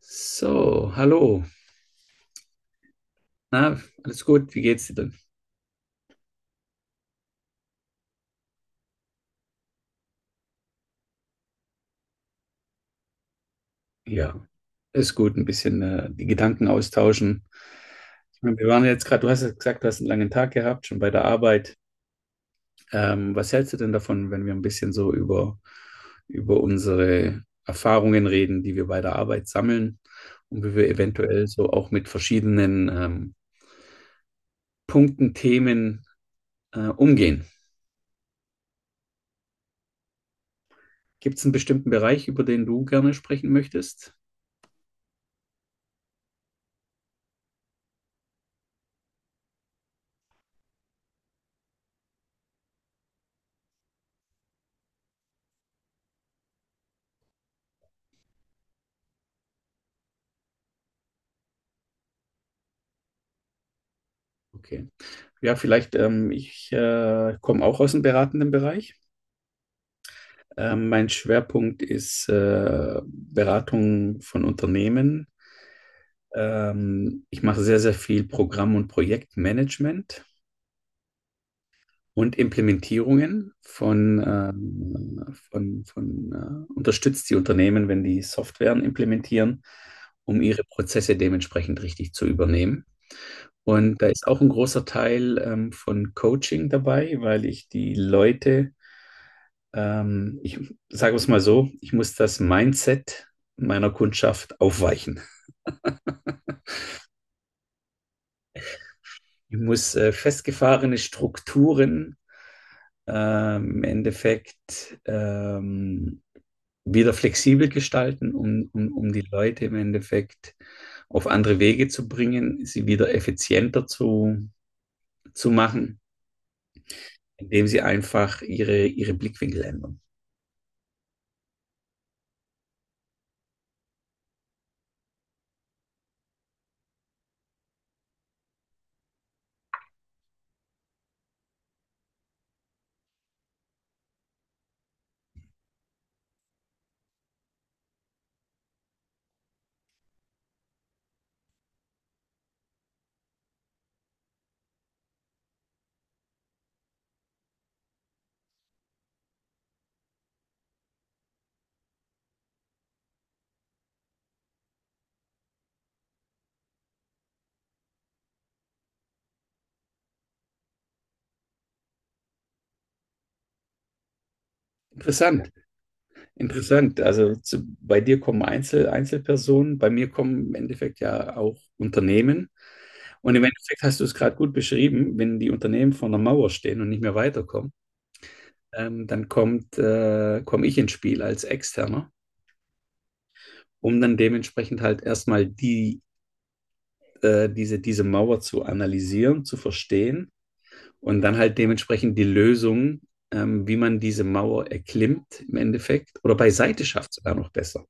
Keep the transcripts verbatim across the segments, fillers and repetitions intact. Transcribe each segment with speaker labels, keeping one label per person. Speaker 1: So, hallo. Na, alles gut? Wie geht's dir denn? Ja, ist gut. Ein bisschen äh, die Gedanken austauschen. Ich meine, wir waren jetzt gerade, du hast ja gesagt, du hast einen langen Tag gehabt, schon bei der Arbeit. Ähm, was hältst du denn davon, wenn wir ein bisschen so über, über unsere Erfahrungen reden, die wir bei der Arbeit sammeln und wie wir eventuell so auch mit verschiedenen ähm, Punkten, Themen äh, umgehen? Gibt es einen bestimmten Bereich, über den du gerne sprechen möchtest? Okay. Ja, vielleicht, ähm, ich äh, komme auch aus dem beratenden Bereich. Ähm, mein Schwerpunkt ist äh, Beratung von Unternehmen. Ähm, ich mache sehr, sehr viel Programm- und Projektmanagement und Implementierungen von, ähm, von, von äh, unterstützt die Unternehmen, wenn die Softwaren implementieren, um ihre Prozesse dementsprechend richtig zu übernehmen. Und da ist auch ein großer Teil ähm, von Coaching dabei, weil ich die Leute Ähm, ich sage es mal so, ich muss das Mindset meiner Kundschaft aufweichen. Ich muss äh, festgefahrene Strukturen äh, im Endeffekt ähm, wieder flexibel gestalten, um, um, um die Leute im Endeffekt auf andere Wege zu bringen, sie wieder effizienter zu, zu machen, indem sie einfach ihre, ihre Blickwinkel ändern. Interessant. Interessant. Also zu, bei dir kommen Einzel, Einzelpersonen, bei mir kommen im Endeffekt ja auch Unternehmen. Und im Endeffekt hast du es gerade gut beschrieben, wenn die Unternehmen vor einer Mauer stehen und nicht mehr weiterkommen, ähm, dann kommt, äh, komme ich ins Spiel als Externer, um dann dementsprechend halt erstmal die, äh, diese, diese Mauer zu analysieren, zu verstehen und dann halt dementsprechend die Lösung, ähm, wie man diese Mauer erklimmt im Endeffekt oder beiseite schafft sogar noch besser.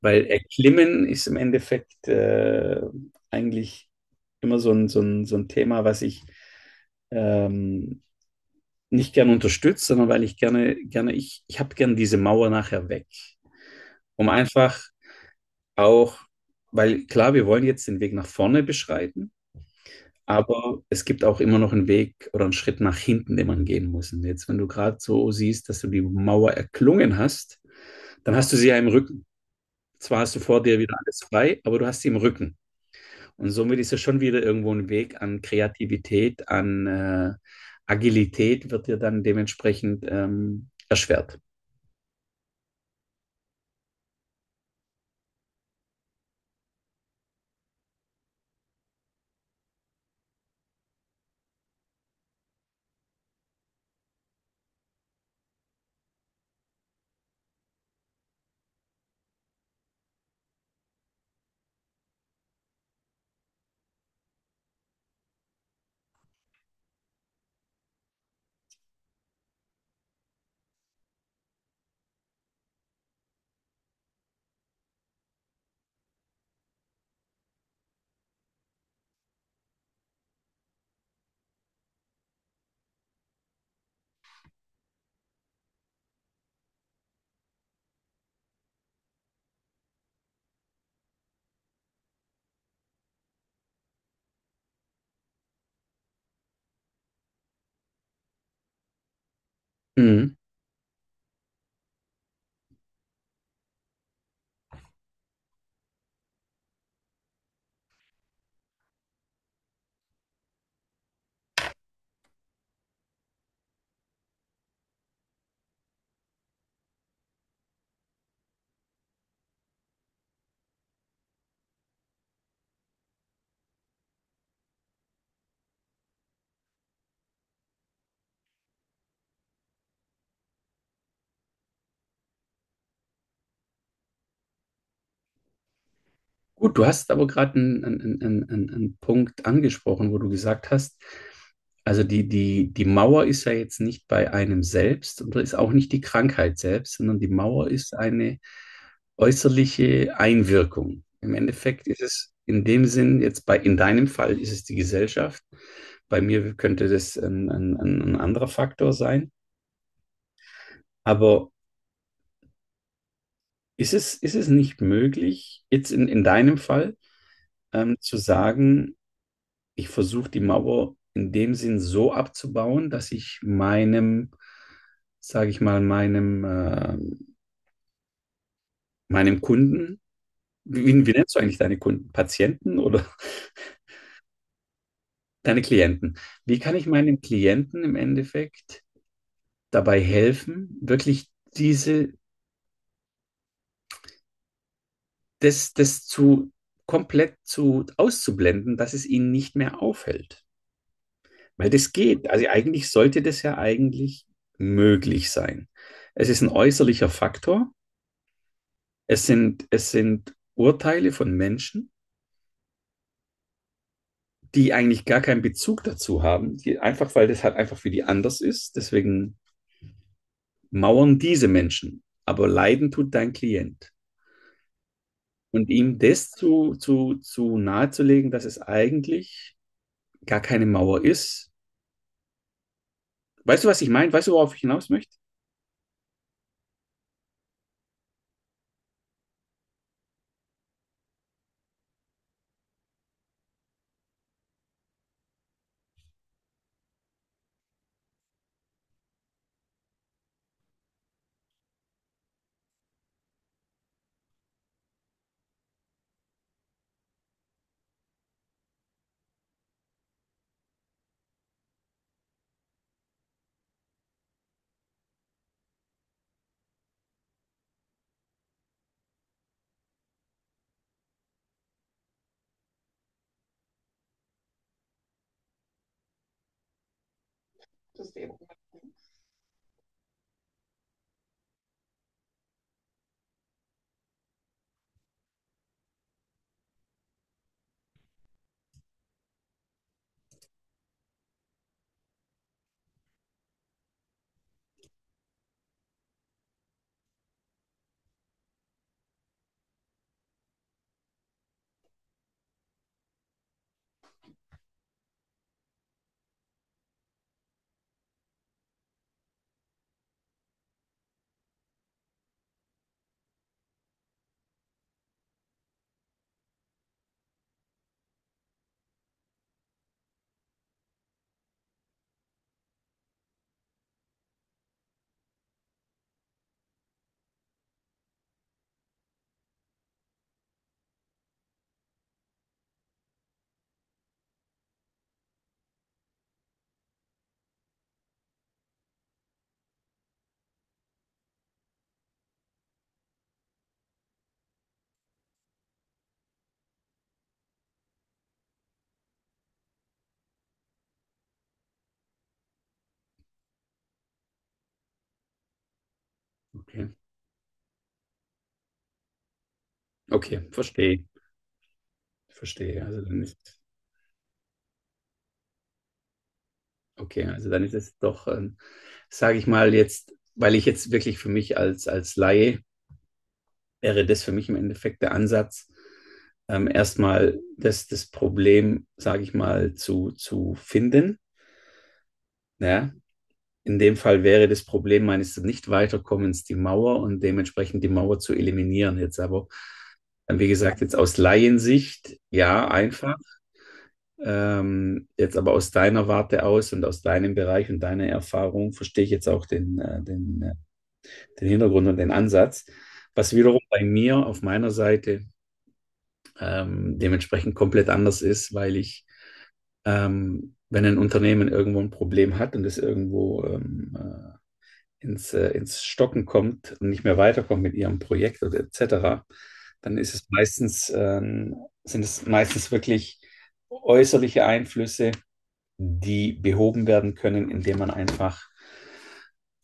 Speaker 1: Weil Erklimmen ist im Endeffekt äh, eigentlich immer so ein, so ein, so ein Thema, was ich ähm, nicht gern unterstütze, sondern weil ich gerne, gerne, ich, ich habe gern diese Mauer nachher weg. Um einfach auch, weil klar, wir wollen jetzt den Weg nach vorne beschreiten, aber es gibt auch immer noch einen Weg oder einen Schritt nach hinten, den man gehen muss. Und jetzt, wenn du gerade so siehst, dass du die Mauer erklungen hast, dann hast du sie ja im Rücken. Zwar hast du vor dir wieder alles frei, aber du hast sie im Rücken. Und somit ist ja schon wieder irgendwo ein Weg an Kreativität, an äh, Agilität wird dir dann dementsprechend ähm, erschwert. Mhm. Gut, du hast aber gerade einen, einen, einen, einen einen Punkt angesprochen, wo du gesagt hast, also die, die, die Mauer ist ja jetzt nicht bei einem selbst und ist auch nicht die Krankheit selbst, sondern die Mauer ist eine äußerliche Einwirkung. Im Endeffekt ist es in dem Sinn, jetzt bei, in deinem Fall ist es die Gesellschaft, bei mir könnte das ein, ein, ein ein anderer Faktor sein, aber ist es, ist es nicht möglich, jetzt in, in deinem Fall ähm, zu sagen, ich versuche die Mauer in dem Sinn so abzubauen, dass ich meinem, sage ich mal, meinem, äh, meinem Kunden, wie, wie nennst du eigentlich deine Kunden? Patienten oder deine Klienten? Wie kann ich meinem Klienten im Endeffekt dabei helfen, wirklich diese, das, das zu komplett zu auszublenden, dass es ihnen nicht mehr auffällt? Weil das geht. Also eigentlich sollte das ja eigentlich möglich sein. Es ist ein äußerlicher Faktor. Es sind, es sind Urteile von Menschen, die eigentlich gar keinen Bezug dazu haben, die einfach, weil das halt einfach für die anders ist. Deswegen mauern diese Menschen. Aber leiden tut dein Klient. Und ihm das zu, zu, zu nahezulegen, dass es eigentlich gar keine Mauer ist. Weißt du, was ich meine? Weißt du, worauf ich hinaus möchte? Okay, okay, verstehe, verstehe. Also dann ist, okay, also dann ist es doch, ähm, sage ich mal jetzt, weil ich jetzt wirklich für mich als, als Laie wäre das für mich im Endeffekt der Ansatz, ähm, erstmal das, das Problem, sage ich mal, zu, zu finden. Ja? In dem Fall wäre das Problem meines Nicht-Weiterkommens die Mauer und dementsprechend die Mauer zu eliminieren. Jetzt aber, ähm, wie gesagt, jetzt aus Laiensicht, ja, einfach. Ähm, jetzt aber aus deiner Warte aus und aus deinem Bereich und deiner Erfahrung verstehe ich jetzt auch den, äh, den, äh, den Hintergrund und den Ansatz. Was wiederum bei mir auf meiner Seite ähm, dementsprechend komplett anders ist, weil ich, ähm, wenn ein Unternehmen irgendwo ein Problem hat und es irgendwo ähm, äh, ins, äh, ins Stocken kommt und nicht mehr weiterkommt mit ihrem Projekt oder et cetera, dann ist es meistens, ähm, sind es meistens wirklich äußerliche Einflüsse, die behoben werden können, indem man einfach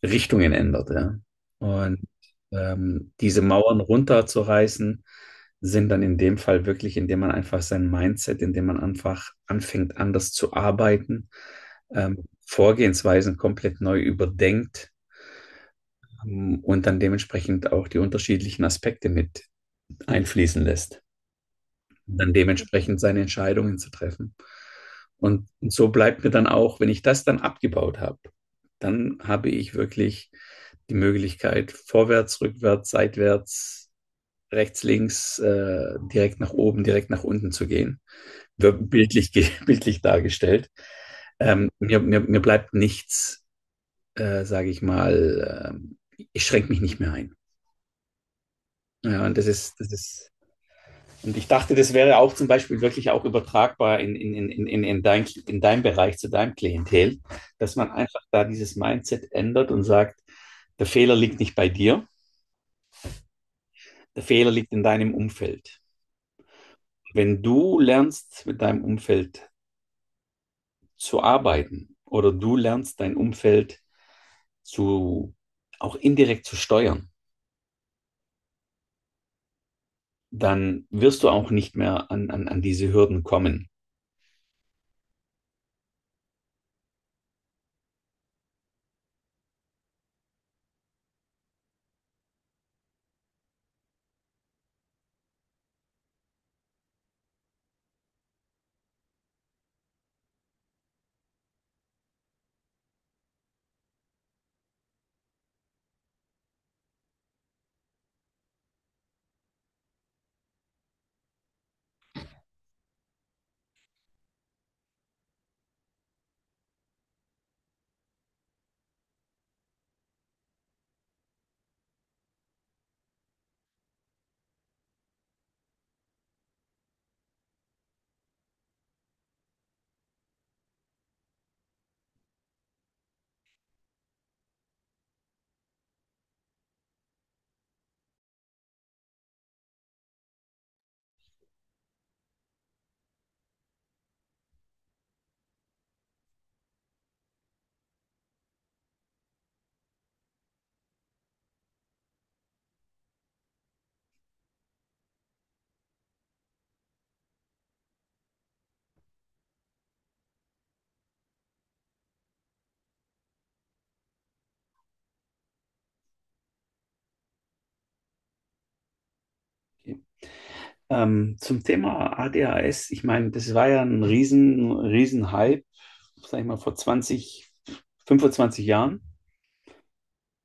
Speaker 1: Richtungen ändert. Ja. Und ähm, diese Mauern runterzureißen, sind dann in dem Fall wirklich, indem man einfach sein Mindset, indem man einfach anfängt, anders zu arbeiten, ähm, Vorgehensweisen komplett neu überdenkt ähm, und dann dementsprechend auch die unterschiedlichen Aspekte mit einfließen lässt und dann dementsprechend seine Entscheidungen zu treffen. Und so bleibt mir dann auch, wenn ich das dann abgebaut habe, dann habe ich wirklich die Möglichkeit, vorwärts, rückwärts, seitwärts, rechts, links, äh, direkt nach oben, direkt nach unten zu gehen. Bildlich, bildlich dargestellt. Ähm, mir, mir, mir bleibt nichts, äh, sage ich mal, äh, ich schränke mich nicht mehr ein. Ja, und das ist, das ist und ich dachte, das wäre auch zum Beispiel wirklich auch übertragbar in, in, in, in, in, dein, in deinem Bereich, zu deinem Klientel, dass man einfach da dieses Mindset ändert und sagt, der Fehler liegt nicht bei dir, der Fehler liegt in deinem Umfeld. Wenn du lernst, mit deinem Umfeld zu arbeiten oder du lernst, dein Umfeld zu, auch indirekt zu steuern, dann wirst du auch nicht mehr an, an, an diese Hürden kommen. Ähm, zum Thema A D H S, ich meine, das war ja ein riesen, riesen Hype, sag ich mal, vor zwanzig, fünfundzwanzig Jahren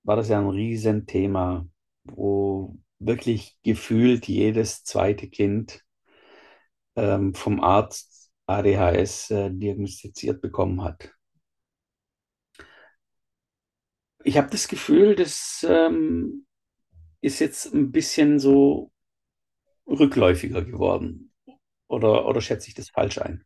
Speaker 1: war das ja ein Riesenthema, wo wirklich gefühlt jedes zweite Kind ähm, vom Arzt A D H S äh, diagnostiziert bekommen hat. Ich habe das Gefühl, das ähm, ist jetzt ein bisschen so rückläufiger geworden. Oder, oder schätze ich das falsch ein?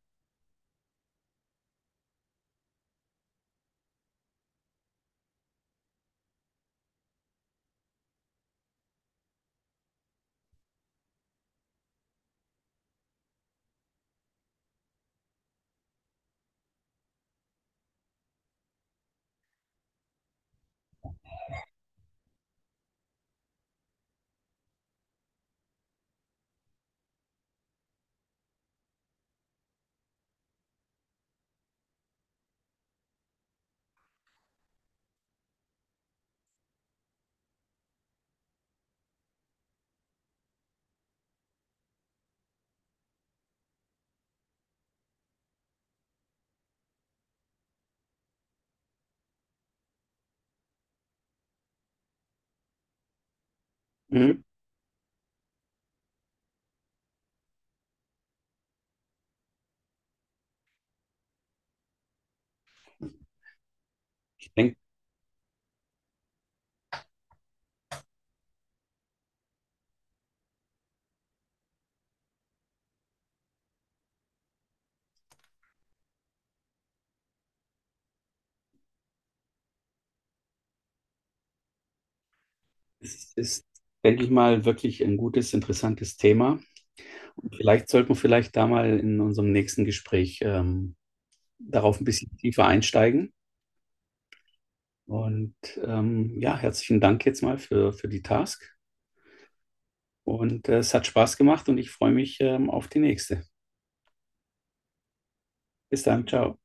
Speaker 1: Mhm. Ich denke es ist, denke ich mal, wirklich ein gutes, interessantes Thema. Und vielleicht sollten wir vielleicht da mal in unserem nächsten Gespräch ähm, darauf ein bisschen tiefer einsteigen. Und ähm, ja, herzlichen Dank jetzt mal für, für die Task. Und äh, es hat Spaß gemacht und ich freue mich ähm, auf die nächste. Bis dann, ciao.